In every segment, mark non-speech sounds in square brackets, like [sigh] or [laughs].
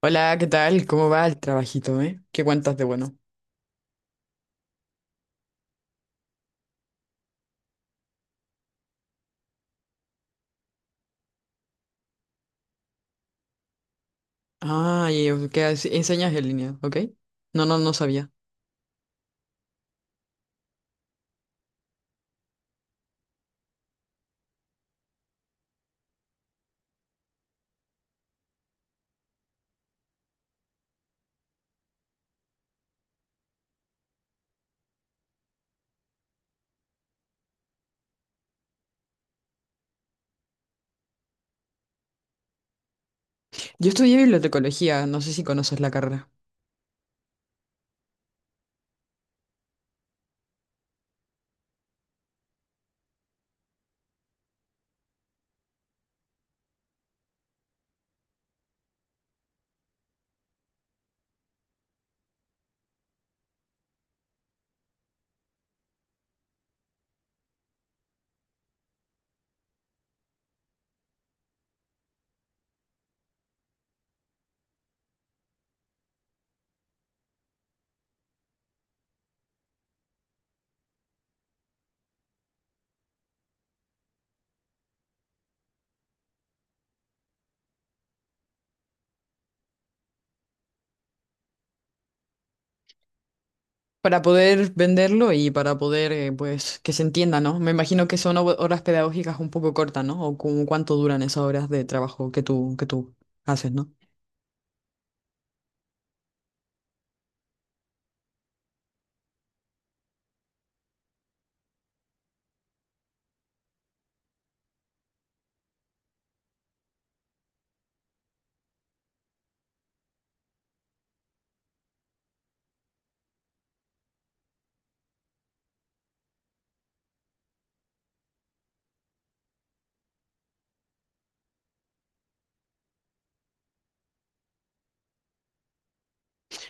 Hola, ¿qué tal? ¿Cómo va el trabajito, ¿Qué cuentas de bueno? Ah, y ¿qué haces? ¿Enseñas en línea, ok? No, no, no sabía. Yo estudié bibliotecología, no sé si conoces la carrera. Para poder venderlo y para poder, pues, que se entienda, ¿no? Me imagino que son horas pedagógicas un poco cortas, ¿no? O como cuánto duran esas horas de trabajo que que tú haces, ¿no?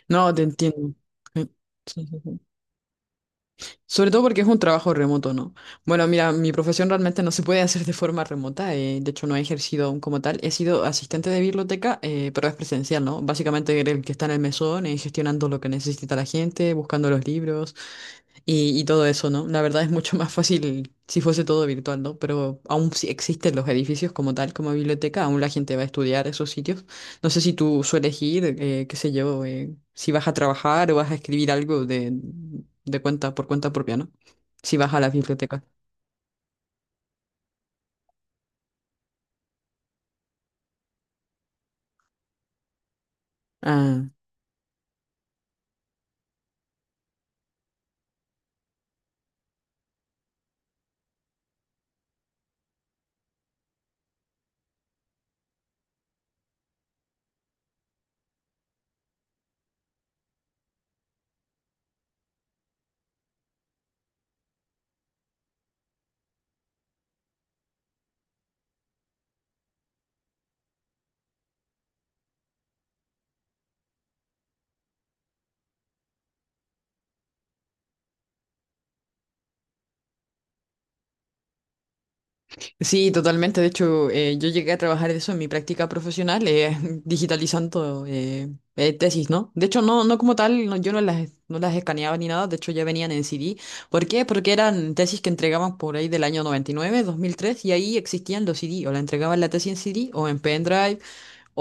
No, te entiendo. Sí, sí, sí. Sobre todo porque es un trabajo remoto, ¿no? Bueno, mira, mi profesión realmente no se puede hacer de forma remota, de hecho no he ejercido aún como tal, he sido asistente de biblioteca, pero es presencial, ¿no? Básicamente el que está en el mesón, gestionando lo que necesita la gente, buscando los libros y todo eso, ¿no? La verdad es mucho más fácil si fuese todo virtual, ¿no? Pero aún sí existen los edificios como tal, como biblioteca, aún la gente va a estudiar esos sitios. No sé si tú sueles ir, qué sé yo, si vas a trabajar o vas a escribir algo de cuenta por cuenta propia, ¿no? Si vas a la biblioteca. Ah, sí, totalmente. De hecho, yo llegué a trabajar de eso en mi práctica profesional, [laughs] digitalizando tesis, ¿no? De hecho, no, no como tal, yo no las, no las escaneaba ni nada, de hecho ya venían en CD. ¿Por qué? Porque eran tesis que entregaban por ahí del año 99, 2003, y ahí existían los CD, o la entregaban la tesis en CD o en pendrive.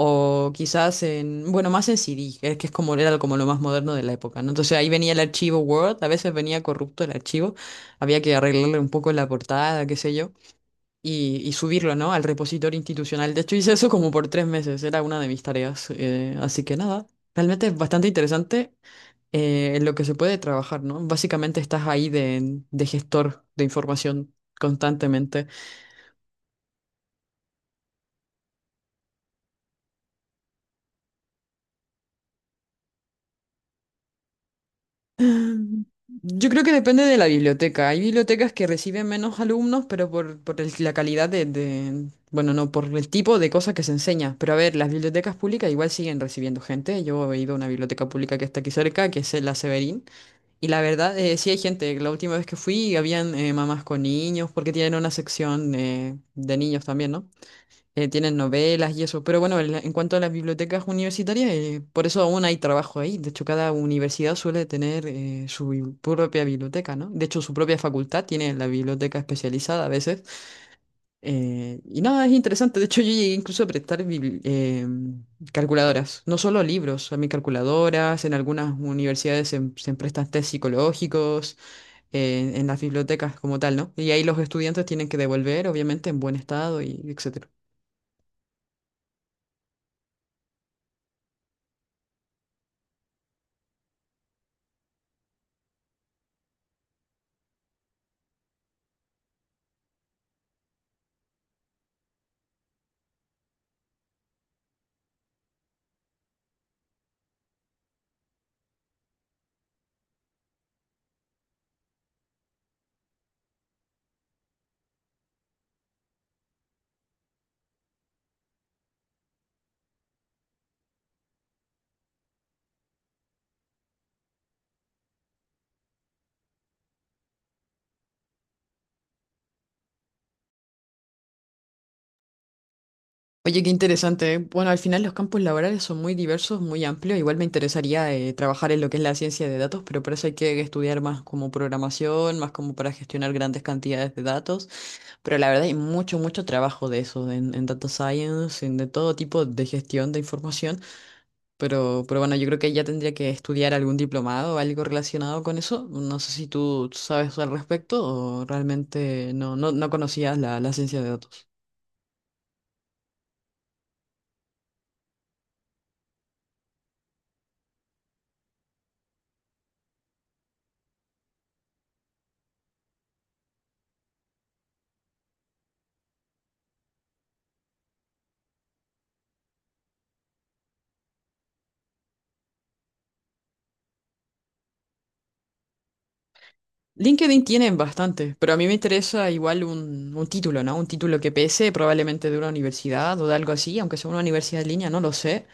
O quizás en, bueno, más en CD, que es como era como lo más moderno de la época, ¿no? Entonces ahí venía el archivo Word, a veces venía corrupto el archivo, había que arreglarle un poco la portada, qué sé yo, y subirlo, ¿no? Al repositorio institucional. De hecho, hice eso como por 3 meses, era una de mis tareas. Así que nada, realmente es bastante interesante en lo que se puede trabajar, ¿no? Básicamente estás ahí de gestor de información constantemente. Yo creo que depende de la biblioteca. Hay bibliotecas que reciben menos alumnos, pero la calidad bueno, no, por el tipo de cosas que se enseña. Pero a ver, las bibliotecas públicas igual siguen recibiendo gente. Yo he ido a una biblioteca pública que está aquí cerca, que es la Severín. Y la verdad, sí hay gente. La última vez que fui, habían mamás con niños, porque tienen una sección de niños también, ¿no? Tienen novelas y eso. Pero bueno, en cuanto a las bibliotecas universitarias, por eso aún hay trabajo ahí. De hecho, cada universidad suele tener su propia biblioteca, ¿no? De hecho, su propia facultad tiene la biblioteca especializada a veces. Y nada, es interesante. De hecho, yo llegué incluso a prestar calculadoras, no solo libros, a mí calculadoras, en algunas universidades se prestan test psicológicos, en las bibliotecas como tal, ¿no? Y ahí los estudiantes tienen que devolver, obviamente, en buen estado y etc. Oye, qué interesante. ¿Eh? Bueno, al final los campos laborales son muy diversos, muy amplios. Igual me interesaría trabajar en lo que es la ciencia de datos, pero para eso hay que estudiar más como programación, más como para gestionar grandes cantidades de datos. Pero la verdad hay mucho, mucho trabajo de eso, en data science, en de todo tipo de gestión de información. Pero bueno, yo creo que ya tendría que estudiar algún diplomado o algo relacionado con eso. No sé si tú sabes al respecto o realmente no, no, no conocías la ciencia de datos. LinkedIn tienen bastante, pero a mí me interesa igual un título, ¿no? Un título que pese, probablemente de una universidad o de algo así, aunque sea una universidad en línea, no lo sé.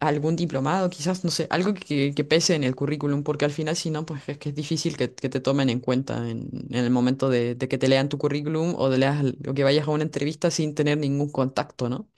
Algún diplomado, quizás, no sé, algo que pese en el currículum, porque al final, si no, pues es que es difícil que te tomen en cuenta en el momento de que te lean tu currículum o, de leas, o que vayas a una entrevista sin tener ningún contacto, ¿no?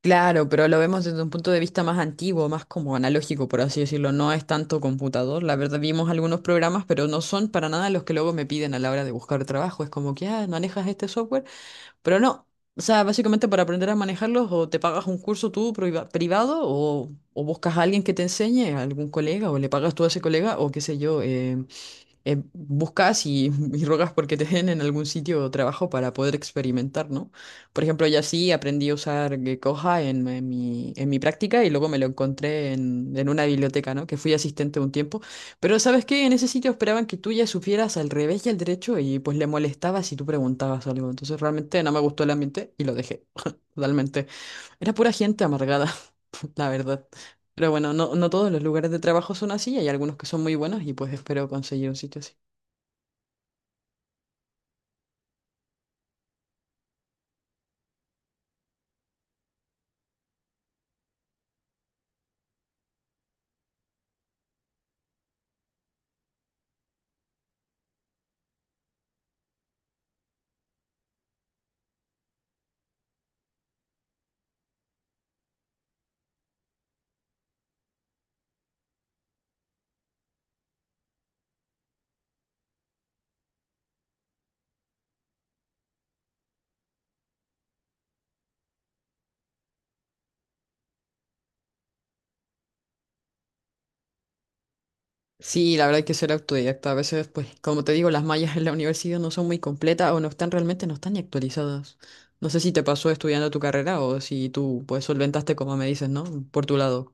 Claro, pero lo vemos desde un punto de vista más antiguo, más como analógico, por así decirlo. No es tanto computador. La verdad, vimos algunos programas, pero no son para nada los que luego me piden a la hora de buscar trabajo. Es como que, ah, manejas este software, pero no. O sea, básicamente para aprender a manejarlos, o te pagas un curso tú privado, o buscas a alguien que te enseñe, a algún colega, o le pagas tú a ese colega, o qué sé yo. Buscas y, [laughs] y rogas porque te den en algún sitio de trabajo para poder experimentar, ¿no? Por ejemplo, yo así aprendí a usar Coja en mi práctica y luego me lo encontré en una biblioteca, ¿no? Que fui asistente un tiempo. Pero ¿sabes qué? En ese sitio esperaban que tú ya supieras al revés y al derecho y pues le molestaba si tú preguntabas algo. Entonces realmente no me gustó el ambiente y lo dejé. [laughs] Totalmente. Era pura gente amargada, [laughs] la verdad. Pero bueno, no, no todos los lugares de trabajo son así, hay algunos que son muy buenos y pues espero conseguir un sitio así. Sí, la verdad hay que ser autodidacta. A veces, pues, como te digo, las mallas en la universidad no son muy completas o no están realmente, no están ni actualizadas. No sé si te pasó estudiando tu carrera o si tú, pues, solventaste como me dices, ¿no? Por tu lado.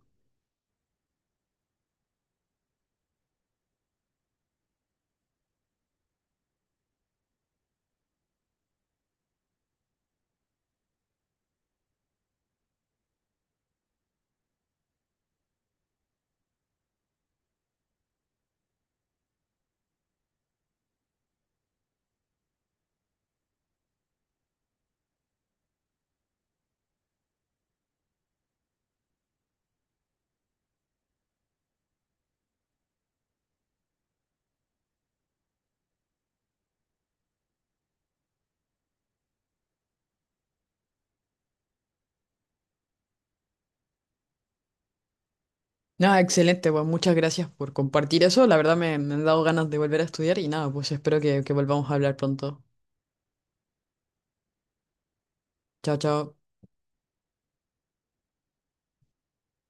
Nada, excelente, pues muchas gracias por compartir eso. La verdad me, me han dado ganas de volver a estudiar y nada, pues espero que volvamos a hablar pronto. Chao, chao.